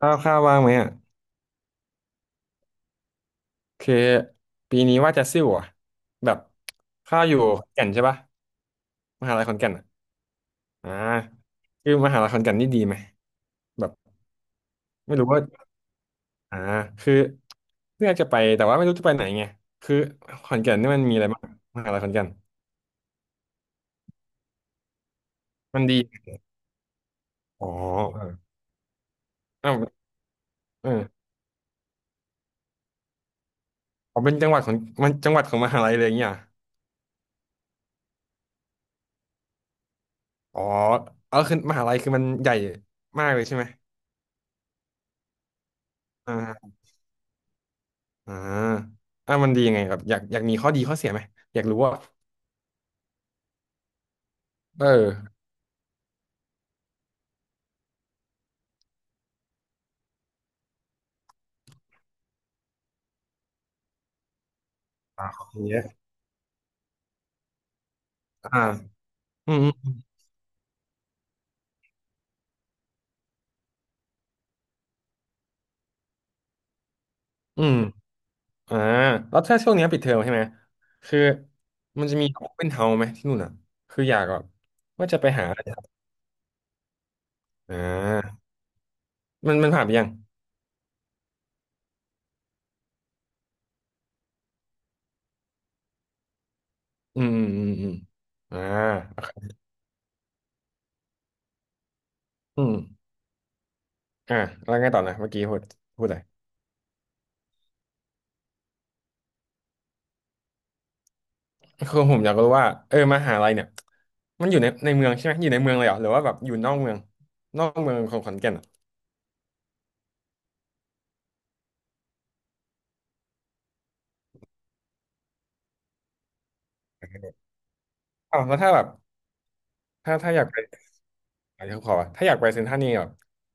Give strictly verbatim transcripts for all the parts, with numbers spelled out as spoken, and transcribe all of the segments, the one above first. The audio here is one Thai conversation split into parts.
ข้าวข้าวว่างไหมอ่ะคือปีนี้ว่าจะซิ่วอ่ะแบบข้าวอยู่ขอนแก่นใช่ปะมหาลัยขอนแก่นอ่ะอ่าคือมหาลัยขอนแก่นนี่ดีไหมแบบไม่รู้ว่าอ่าคือเลือกจะไปแต่ว่าไม่รู้จะไปไหนไงคือขอนแก่นนี่มันมีอะไรบ้างมหาลัยขอนแก่นมันดีอ๋อเออเอ้าวเอออ๋อเป็นจังหวัดของมันจังหวัดของมหาลัยเลยอย่างเงี้ยเหรออ๋อเออคือมหาลัยคือมันใหญ่มากเลยใช่ไหมอ่า อ่าอ่ามันดียังไงครับอยากอยากมีข้อดีข้อเสียไหมอยากรู้ว่าเอออย่างเงี้ยอ่าอืมอืมอืมอ่าแล้วถ้าช่วงเนี้ยปิดเทอมใช่ไหมคือมันจะมีโอเ n นเฮาไหมที่นู่นอ่ะคืออยากแบบว่าจะไปหาอ่ามันมันผ่านไปยังอืมอืมอืมอมอ่าอืมอ่าแล้วไงต่อนะเมื่อกี้พูดพูดอะไรคือผมอยากรู้ว่าเออมหาลัยเนี่ยมันอยู่ในในเมืองใช่ไหมอยู่ในเมืองเลยเหรอหรือว่าแบบอยู่นอกเมืองนอกเมืองของขอนแก่นอ่ะอ้าวแล้วถ้าแบบ ถ้าถ้าอยากไปอะไรเขาขอว่าถ้าอยากไปเซ็นทรัลนี่แบบ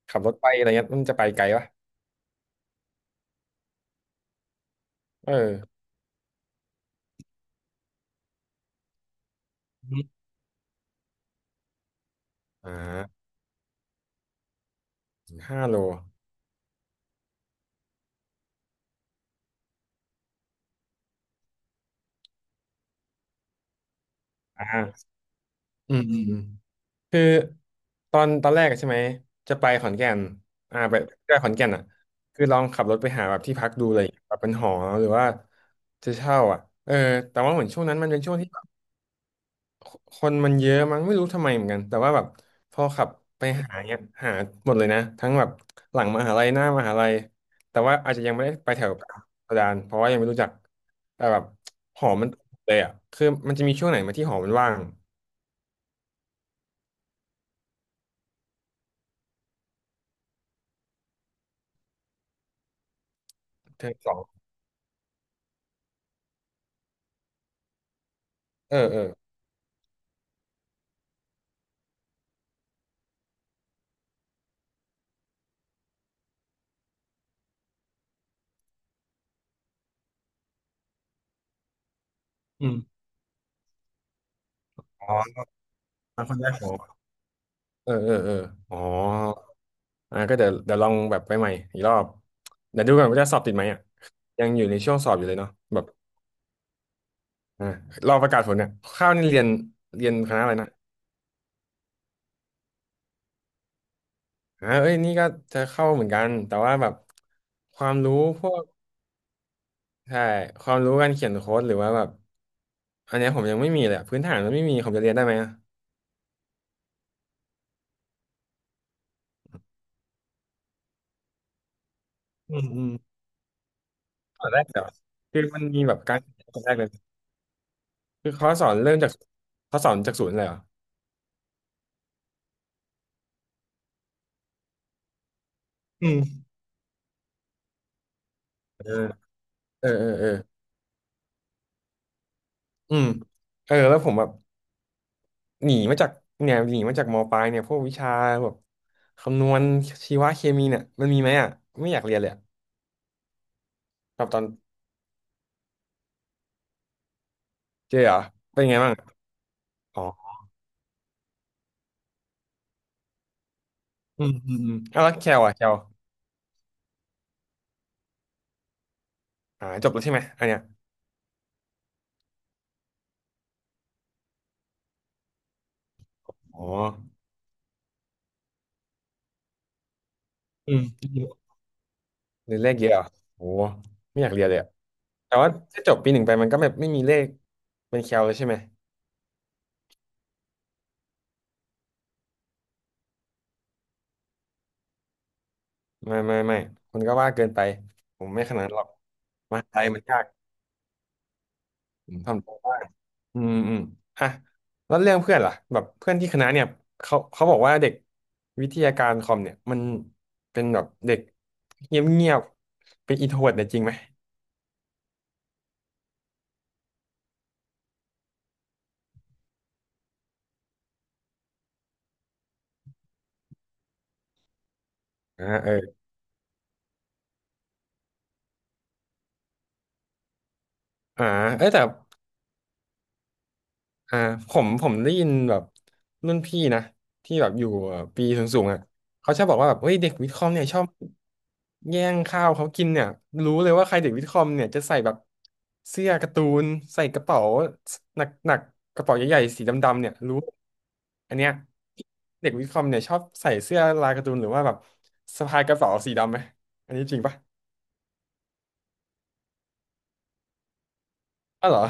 ขับรถไปอะไรเงี้ยมันจะไปไกลปะเอออมอ่าห้ากิโลอ่าอืมอืมอืมคือตอนตอนแรกอะใช่ไหมจะไปขอนแก่นอ่าไปไปขอนแก่นอ่ะคือลองขับรถไปหาแบบที่พักดูเลยแบบเป็นหอหรือว่าจะเช่าอ่ะเออแต่ว่าเหมือนช่วงนั้นมันเป็นช่วงที่ คนมันเยอะมั้งไม่รู้ทำไมเหมือนกันแต่ว่าแบบพอขับไปหาเนี่ยหาหมดเลยนะทั้งแบบหลังมหาลัยหน้ามหาลัยแต่ว่าอาจจะยังไม่ได้ไปแถวกระดานเพราะว่ายังไม่รู้จักแต่แบบหอมันเลยอ่ะคือมันจะมีช่วงไหนไหมาที่หอมันว่างเทอมสองเออเอออืมอ๋อมาคนแรกหอเออเออเอออ๋ออ่าก็เดี๋ยวเดี๋ยวลองแบบไปใหม่อีกรอบเดี๋ยวดูก่อนว่าจะสอบติดไหมอ่ะยังอยู่ในช่วงสอบอยู่เลยเนาะแบบอ่ารอประกาศผลเนี่ยข้าวนี่เรียนเรียนคณะอะไรนะ อ่าเอ้ยนี่ก็จะเข้าเหมือนกันแต่ว่าแบบความรู้พวกใช่ความรู้การเขียนโค้ดหรือว่าแบบอันเนี้ยผมยังไม่มีเลยอะพื้นฐานมันไม่มีผมจะเรียนได้ไหมอะอืมอืมตอนแรกเดี๋ยวคือมันมีแบบการตอนแรกเลยคือเขาสอนเริ่มจากเขาสอนจากศูนย์เลยเหรออืมเออเออเออเอออืมเออแล้วผมแบบหนีมาจากเนี่ยหนีมาจากมปลายเนี่ยพวกวิชาแบบคำนวณชีวะเคมีเนี่ยมันมีไหมอ่ะไม่อยากเรียนเลยอะแบบตอนเจอเหรอเป็นไงบ้าง อืมอืมอืมเอาแล้วแคลอ่ะแคลอ่าจบแล้วใช่ไหมอันเนี้ยอ๋ออืมเรียนเลขเยอะเหรอโอ้ไม่อยากเรียนเลยอะแต่ว่าถ้าจบปีหนึ่งไปมันก็แบบไม่มีเลขเป็นแคลเลยใช่ไหมไม่ไม่ไม่คุณก็ว่าเกินไปผมไม่ขนาดนั้นหรอกมหาลัยมันยากผมทำได้บ้างอืมอืมอ่ะแล้วเรื่องเพื่อนล่ะแบบเพื่อนที่คณะเนี่ยเขาเขาบอกว่าเด็กวิทยาการคอมเนี่ยมันเป็นแบบเด็กเงียบเงียบเป็นอินโทรเวิร์ตเนี่ยจริงไหมอ่าเอออ่าเอ้ยแต่ อ่าผมผมได้ยินแบบรุ่นพี่นะที่แบบอยู่ปีสูงๆอ่ะเขาชอบบอกว่าแบบเฮ้ยเด็กวิทย์คอมเนี่ยชอบแย่งข้าวเขากินเนี่ยรู้เลยว่าใครเด็กวิทย์คอมเนี่ยจะใส่แบบเสื้อการ์ตูนใส่กระเป๋าหนักหนักกระเป๋าใหญ่ๆสีดำๆเนี่ยรู้อันเนี้ยเด็กวิทย์คอมเนี่ยชอบใส่เสื้อลายการ์ตูนหรือว่าแบบสะพายกระเป๋าสีดำไหมอันนี้จริงปะอ้าวเหรอ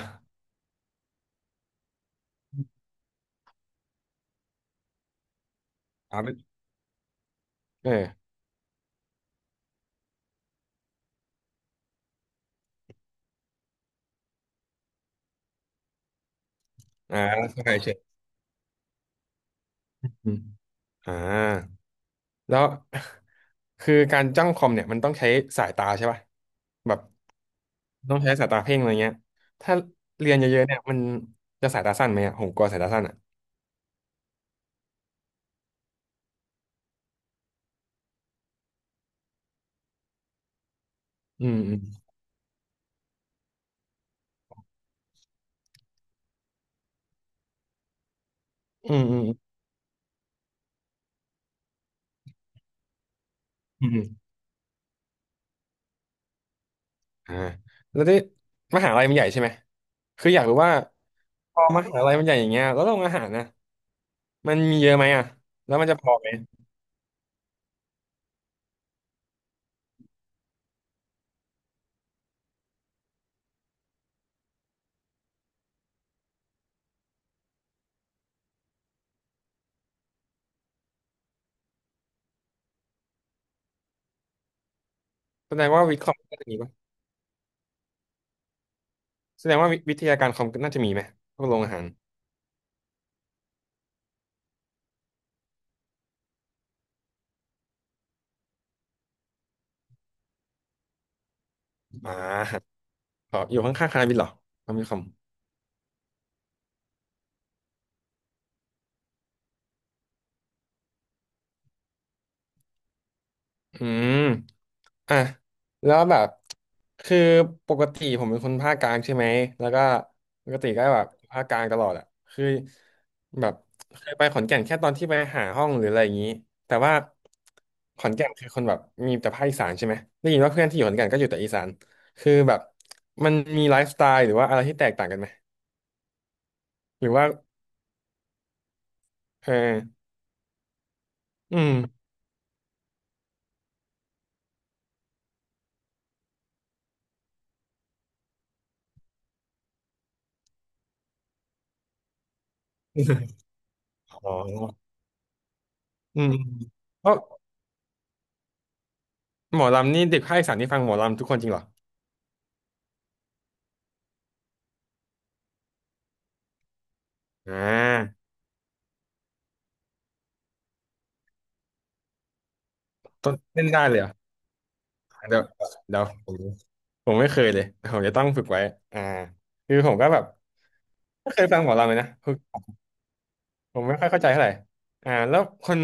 อ๋อไม่เอออ่าสะพายเฉยอมอ่า แล้ว คือการจ้องคอมเนี่ยมันต้องใช้สายตาใช่ป่ะแบบต้องใช้สายตาเพ่งอะไรเงี้ยถ้าเรียนเยอะๆเนี่ยมันจะสายตาสั้นไหมอ่ะผมกลัวสายตาสั้นอ่ะอืมอืมอืมอืมอืมอมอ่าแล้วที่มหาลัยมันใหญ่ใช่ไหมคืออยากรู้ว่าพอมหาลัยมันใหญ่อย่างเงี้ยแล้วโรงอาหารนะมันมีเยอะไหมอ่ะแล้วมันจะพอไหมแสดงว่าวิทย์คอมน่าจะมีป่ะแสดงว่าวิวิทยาการคอมน่าจะมีไหมพวกโรงอาหารอ่าขออยู่ข้างๆคณะวิทย์เหรอคอมวิทย์คอมอืม อ่ะแล้วแบบคือปกติผมเป็นคนภาคกลางใช่ไหมแล้วก็ปกติก็แบบภาคกลางตลอดอ่ะคือแบบเคยไปขอนแก่นแค่ตอนที่ไปหาห้องหรืออะไรอย่างนี้แต่ว่าขอนแก่นคือคนแบบมีแต่ภาคอีสานใช่ไหมได้ยินว่าเพื่อนที่อยู่ขอนแก่นก็อยู่แต่อีสานคือแบบมันมีไลฟ์สไตล์หรือว่าอะไรที่แตกต่างกันไหมหรือว่าเอออืมอ๋ออืมเพราะหมอลำนี่เด็กภาคอีสานที่ฟังหมอลำทุกคนจริงเหรออ่าต้นเล่นได้เลยเหรอ เดี๋ยวเดี๋ยวผมผมไม่เคยเลยแต่ผมจะต้องฝึกไว้อ่าคือผมก็แบบไม่เคยฟังหมอลำเลยนะคือผมไม่ค่อยเข้าใจเท่าไหร่อ่าแล้วคน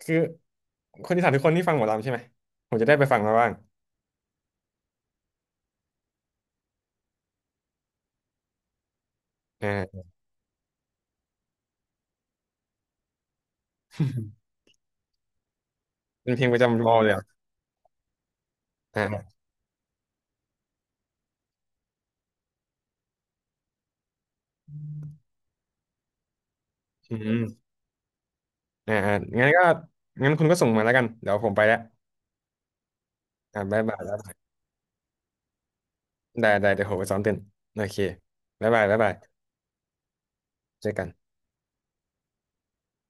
คือคนอีสานทุกคนที่ฟังหมอลำใช่ไหมผมจะได้ไปฟังมาบ้างอ่าเป็นเพลงประจำวอเลยเหรออ่าอืมอ่าอ่างั้นก็งั้นคุณก็ส่งมาแล้วกันเดี๋ยวผมไปแล้วอ่าบ๊ายบายแล้วได้ได้เดี๋ยวผมไปซ้อมเต้นโอเคบ๊ายบายบ๊ายบายเจอกัน